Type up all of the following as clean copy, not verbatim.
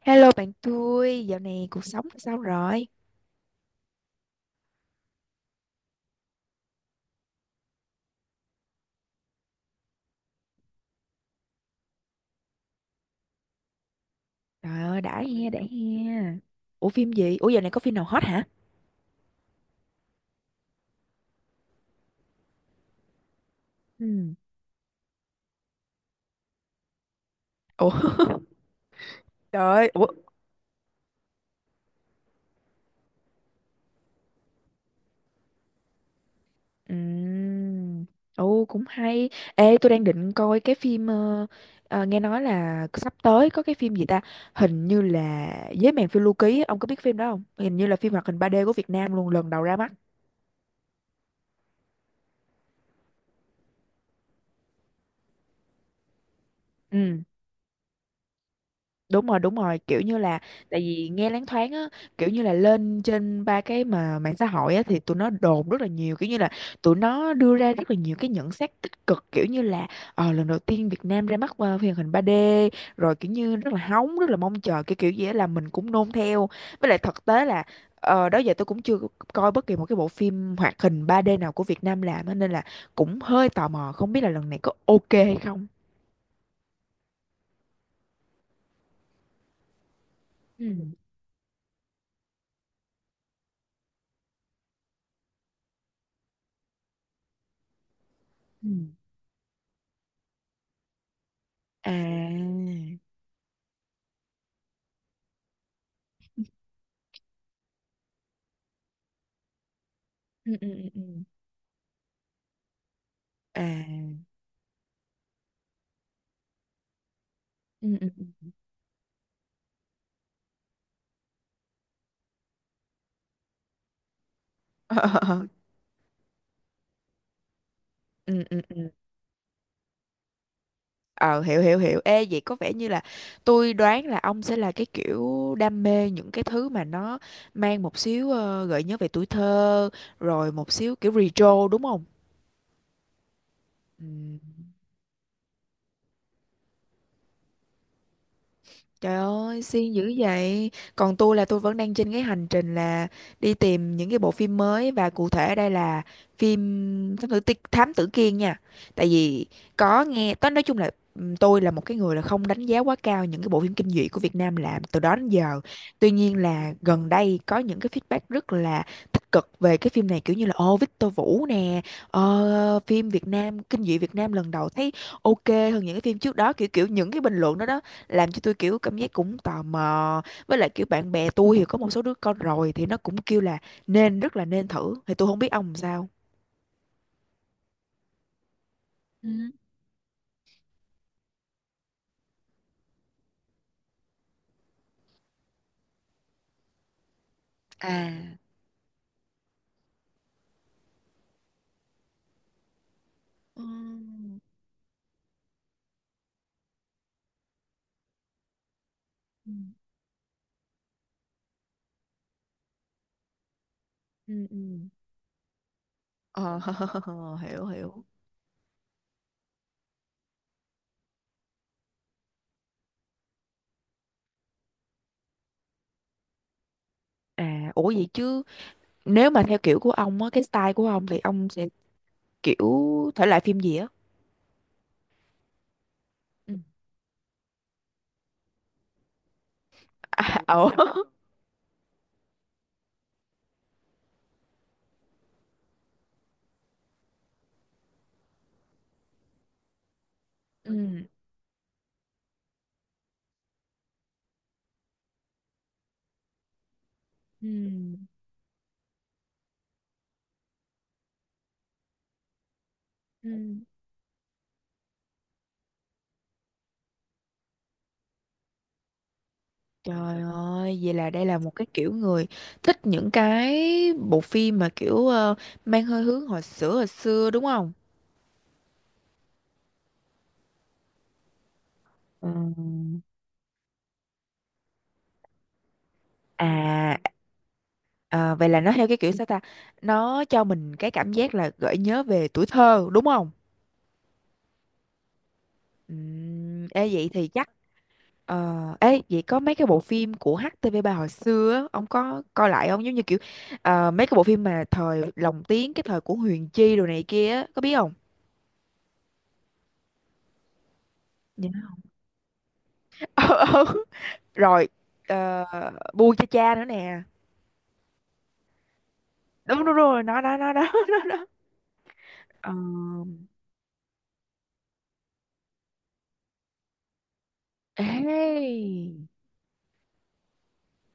Hello bạn tôi, dạo này cuộc sống sao rồi? Trời ơi, đã he, đã he. Ủa phim gì? Ủa dạo này có phim nào hot hả? Ừ. Ủa, trời ơi, ủa. Ừm. Ồ, cũng hay. Ê, tôi đang định coi cái phim, nghe nói là sắp tới có cái phim gì ta? Hình như là Dế Mèn Phiêu Lưu Ký, á. Ông có biết phim đó không? Hình như là phim hoạt hình ba d của Việt Nam luôn, lần đầu ra mắt. Ừ. Đúng rồi, đúng rồi, kiểu như là tại vì nghe loáng thoáng á, kiểu như là lên trên ba cái mà mạng xã hội á thì tụi nó đồn rất là nhiều, kiểu như là tụi nó đưa ra rất là nhiều cái nhận xét tích cực, kiểu như là lần đầu tiên Việt Nam ra mắt phim hoạt hình 3D, rồi kiểu như rất là hóng, rất là mong chờ, cái kiểu gì á là mình cũng nôn theo. Với lại thực tế là đó giờ tôi cũng chưa coi bất kỳ một cái bộ phim hoạt hình 3D nào của Việt Nam làm á, nên là cũng hơi tò mò không biết là lần này có ok hay không. Ừ. Ừ. À, ừ ừ ừ ừ. À, ừ ừ ừ. Ờ. Ừ ừ ừ. Ờ, hiểu hiểu hiểu. Ê, vậy có vẻ như là tôi đoán là ông sẽ là cái kiểu đam mê những cái thứ mà nó mang một xíu gợi nhớ về tuổi thơ, rồi một xíu kiểu retro, đúng không? Ừ. Trời ơi, siêng dữ vậy. Còn tôi là tôi vẫn đang trên cái hành trình là đi tìm những cái bộ phim mới, và cụ thể ở đây là phim Thám Tử, Thám Tử Kiên nha. Tại vì có nghe, tôi nói chung là tôi là một cái người là không đánh giá quá cao những cái bộ phim kinh dị của Việt Nam làm từ đó đến giờ. Tuy nhiên là gần đây có những cái feedback rất là tích cực về cái phim này, kiểu như là ô Victor Vũ nè, phim Việt Nam, kinh dị Việt Nam lần đầu thấy ok hơn những cái phim trước đó, kiểu kiểu những cái bình luận đó đó làm cho tôi kiểu cảm giác cũng tò mò. Với lại kiểu bạn bè tôi thì có một số đứa con rồi thì nó cũng kêu là nên, rất là nên thử, thì tôi không biết ông làm sao. Ừ. À. Ừ. Ừ. Ừ. Ừ. Ờ, hiểu hiểu. À, ủa vậy chứ nếu mà theo kiểu của ông á, cái style của ông thì ông sẽ kiểu thể loại phim gì á? Ừ. À, ủa. Ừ. Ừ. Ừ. Trời ơi, vậy là đây là một cái kiểu người thích những cái bộ phim mà kiểu mang hơi hướng hồi xưa hồi xưa, đúng không? Ừm. À, à, vậy là nó theo cái kiểu sao ta? Nó cho mình cái cảm giác là gợi nhớ về tuổi thơ đúng không? Ê vậy thì chắc ờ, ê vậy có mấy cái bộ phim của HTV ba hồi xưa á, ông có coi lại không? Giống như kiểu mấy cái bộ phim mà thời lồng tiếng cái thời của Huyền Chi đồ này kia á, có biết không? Dạ. Ờ, ừ. Rồi ờ, bu cho cha nữa nè. Đúng đúng rồi, nó đó nó đó. Nó đó. Ờ, ê,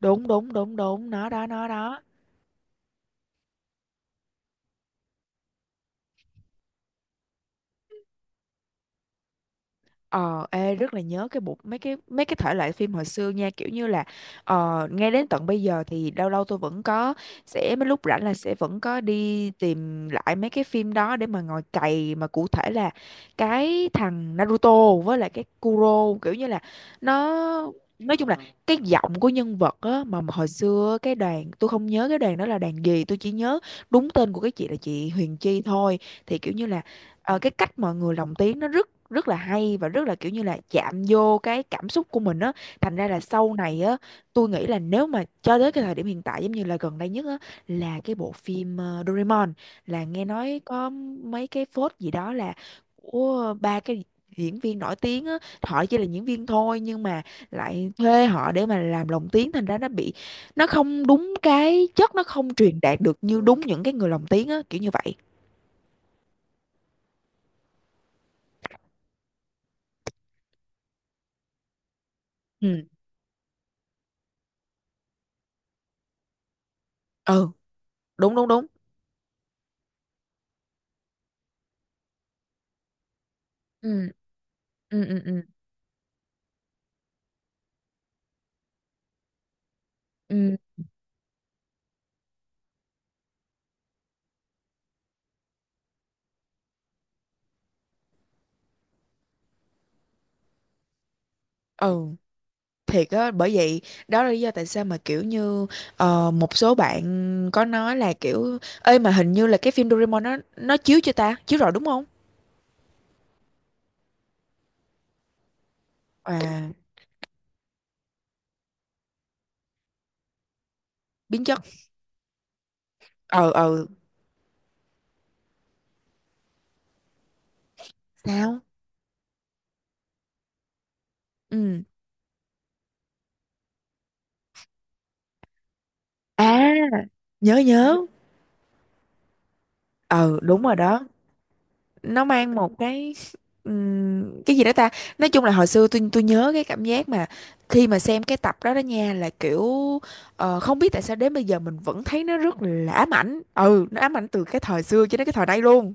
đúng đúng đúng đúng, nó đó nó đó. Ờ, ê, rất là nhớ cái bộ mấy cái thể loại phim hồi xưa nha, kiểu như là ngay đến tận bây giờ thì lâu lâu tôi vẫn có sẽ mấy lúc rảnh là sẽ vẫn có đi tìm lại mấy cái phim đó để mà ngồi cày, mà cụ thể là cái thằng Naruto với lại cái Kuro, kiểu như là nó, nói chung là cái giọng của nhân vật á, mà hồi xưa cái đoàn tôi không nhớ cái đoàn đó là đoàn gì, tôi chỉ nhớ đúng tên của cái chị là chị Huyền Chi thôi. Thì kiểu như là cái cách mọi người lồng tiếng nó rất rất là hay, và rất là kiểu như là chạm vô cái cảm xúc của mình á. Thành ra là sau này á, tôi nghĩ là nếu mà cho tới cái thời điểm hiện tại giống như là gần đây nhất á là cái bộ phim Doraemon là nghe nói có mấy cái phốt gì đó là của ba cái diễn viên nổi tiếng á, họ chỉ là diễn viên thôi nhưng mà lại thuê họ để mà làm lồng tiếng, thành ra nó bị, nó không đúng cái chất, nó không truyền đạt được như đúng những cái người lồng tiếng á, kiểu như vậy. Ừ ừ, đúng đúng đúng. Ừ, ừ, ừ, ừ, ừ, ừ, thiệt á, bởi vậy đó là lý do tại sao mà kiểu như một số bạn có nói là kiểu ơi mà hình như là cái phim Doraemon nó chiếu chưa ta, chiếu rồi đúng không? À, biến chất. Ờ, ờ, sao? Ừ, à, nhớ nhớ. Ờ, đúng rồi đó. Nó mang một cái gì đó ta, nói chung là hồi xưa tôi nhớ cái cảm giác mà khi mà xem cái tập đó đó nha là kiểu không biết tại sao đến bây giờ mình vẫn thấy nó rất là ám ảnh, ừ, nó ám ảnh từ cái thời xưa cho đến cái thời nay luôn.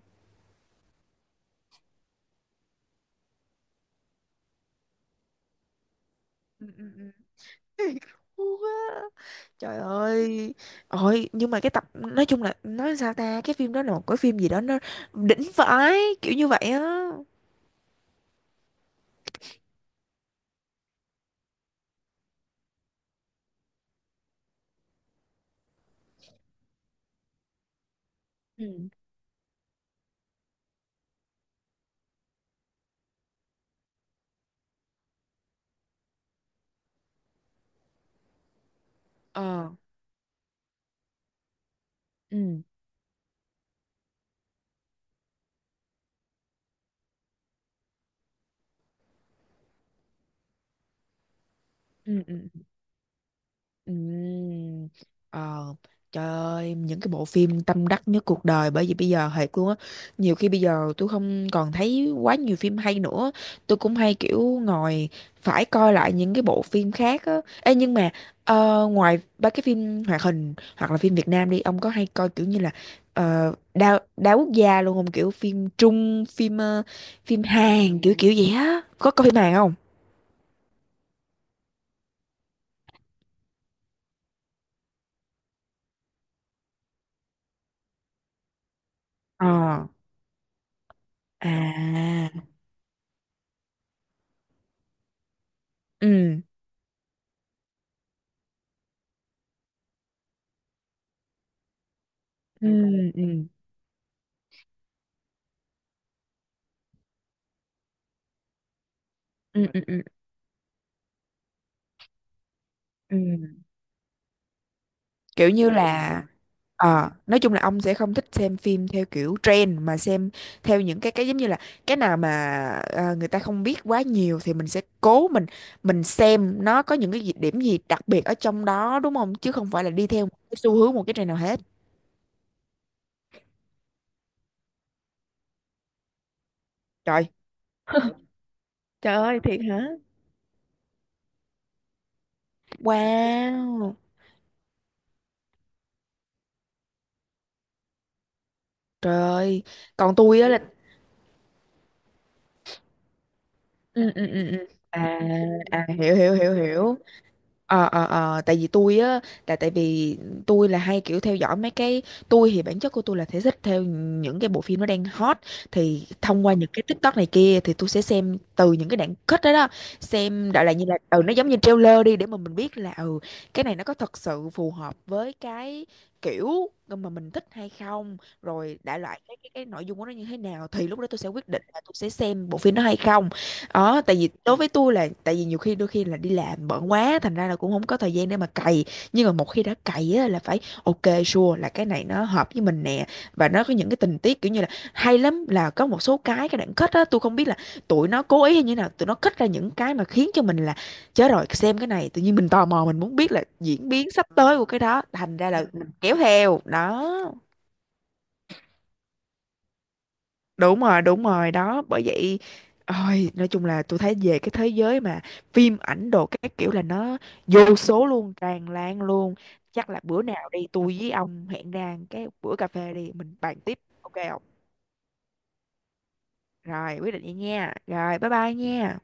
Ừ, ừ, ừ. Cú quá. Trời ơi, ôi nhưng mà cái tập, nói chung là, nói sao ta, cái phim đó là một cái phim gì đó, nó đỉnh vãi, kiểu như vậy á. Ừ. Ờ, ừ ừ ừ. Ừm. Ờ, trời ơi, những cái bộ phim tâm đắc nhất cuộc đời, bởi vì bây giờ thiệt luôn á, nhiều khi bây giờ tôi không còn thấy quá nhiều phim hay nữa, tôi cũng hay kiểu ngồi phải coi lại những cái bộ phim khác á. Ê, nhưng mà ngoài ba cái phim hoạt hình hoặc là phim Việt Nam đi, ông có hay coi kiểu như là đa đa quốc gia luôn không? Kiểu phim Trung, phim phim Hàn kiểu kiểu vậy á. Có coi phim Hàn không? Ờ. À. Ừ. Ừ. Ừ. Ừ ừ ừ ừ. Kiểu như là nói chung là ông sẽ không thích xem phim theo kiểu trend, mà xem theo những cái giống như là cái nào mà người ta không biết quá nhiều thì mình sẽ cố mình xem nó có những cái gì- điểm gì đặc biệt ở trong đó, đúng không? Chứ không phải là đi theo một cái xu hướng, một cái trend nào hết. Trời. Trời ơi, thiệt hả? Wow. Trời ơi. Còn tôi á là ừ ừ ừ ừ. À, à, hiểu hiểu hiểu hiểu. Tại vì tôi á, tại tại vì tôi là hay kiểu theo dõi mấy cái, tôi thì bản chất của tôi là thể thích theo những cái bộ phim nó đang hot, thì thông qua những cái TikTok này kia thì tôi sẽ xem từ những cái đoạn cut đó đó, xem đại loại như là, ừ, nó giống như trailer đi, để mà mình biết là, ừ, cái này nó có thật sự phù hợp với cái kiểu mà mình thích hay không, rồi đại loại cái nội dung của nó như thế nào, thì lúc đó tôi sẽ quyết định là tôi sẽ xem bộ phim đó hay không. Ờ, tại vì đối với tôi là tại vì nhiều khi đôi khi là đi làm bận quá, thành ra là cũng không có thời gian để mà cày, nhưng mà một khi đã cày á là phải ok, sure là cái này nó hợp với mình nè, và nó có những cái tình tiết kiểu như là hay lắm, là có một số cái đoạn kết á tôi không biết là tụi nó cố ý hay như nào, tụi nó kết ra những cái mà khiến cho mình là, chết rồi, xem cái này tự nhiên mình tò mò mình muốn biết là diễn biến sắp tới của cái đó, thành ra là mình kéo theo đó. Đúng rồi, đúng rồi đó, bởi vậy. Ôi nói chung là tôi thấy về cái thế giới mà phim ảnh đồ các kiểu là nó vô số luôn, tràn lan luôn. Chắc là bữa nào đi tôi với ông hẹn ra cái bữa cà phê đi, mình bàn tiếp, ok không? Rồi quyết định vậy nha, rồi bye bye nha.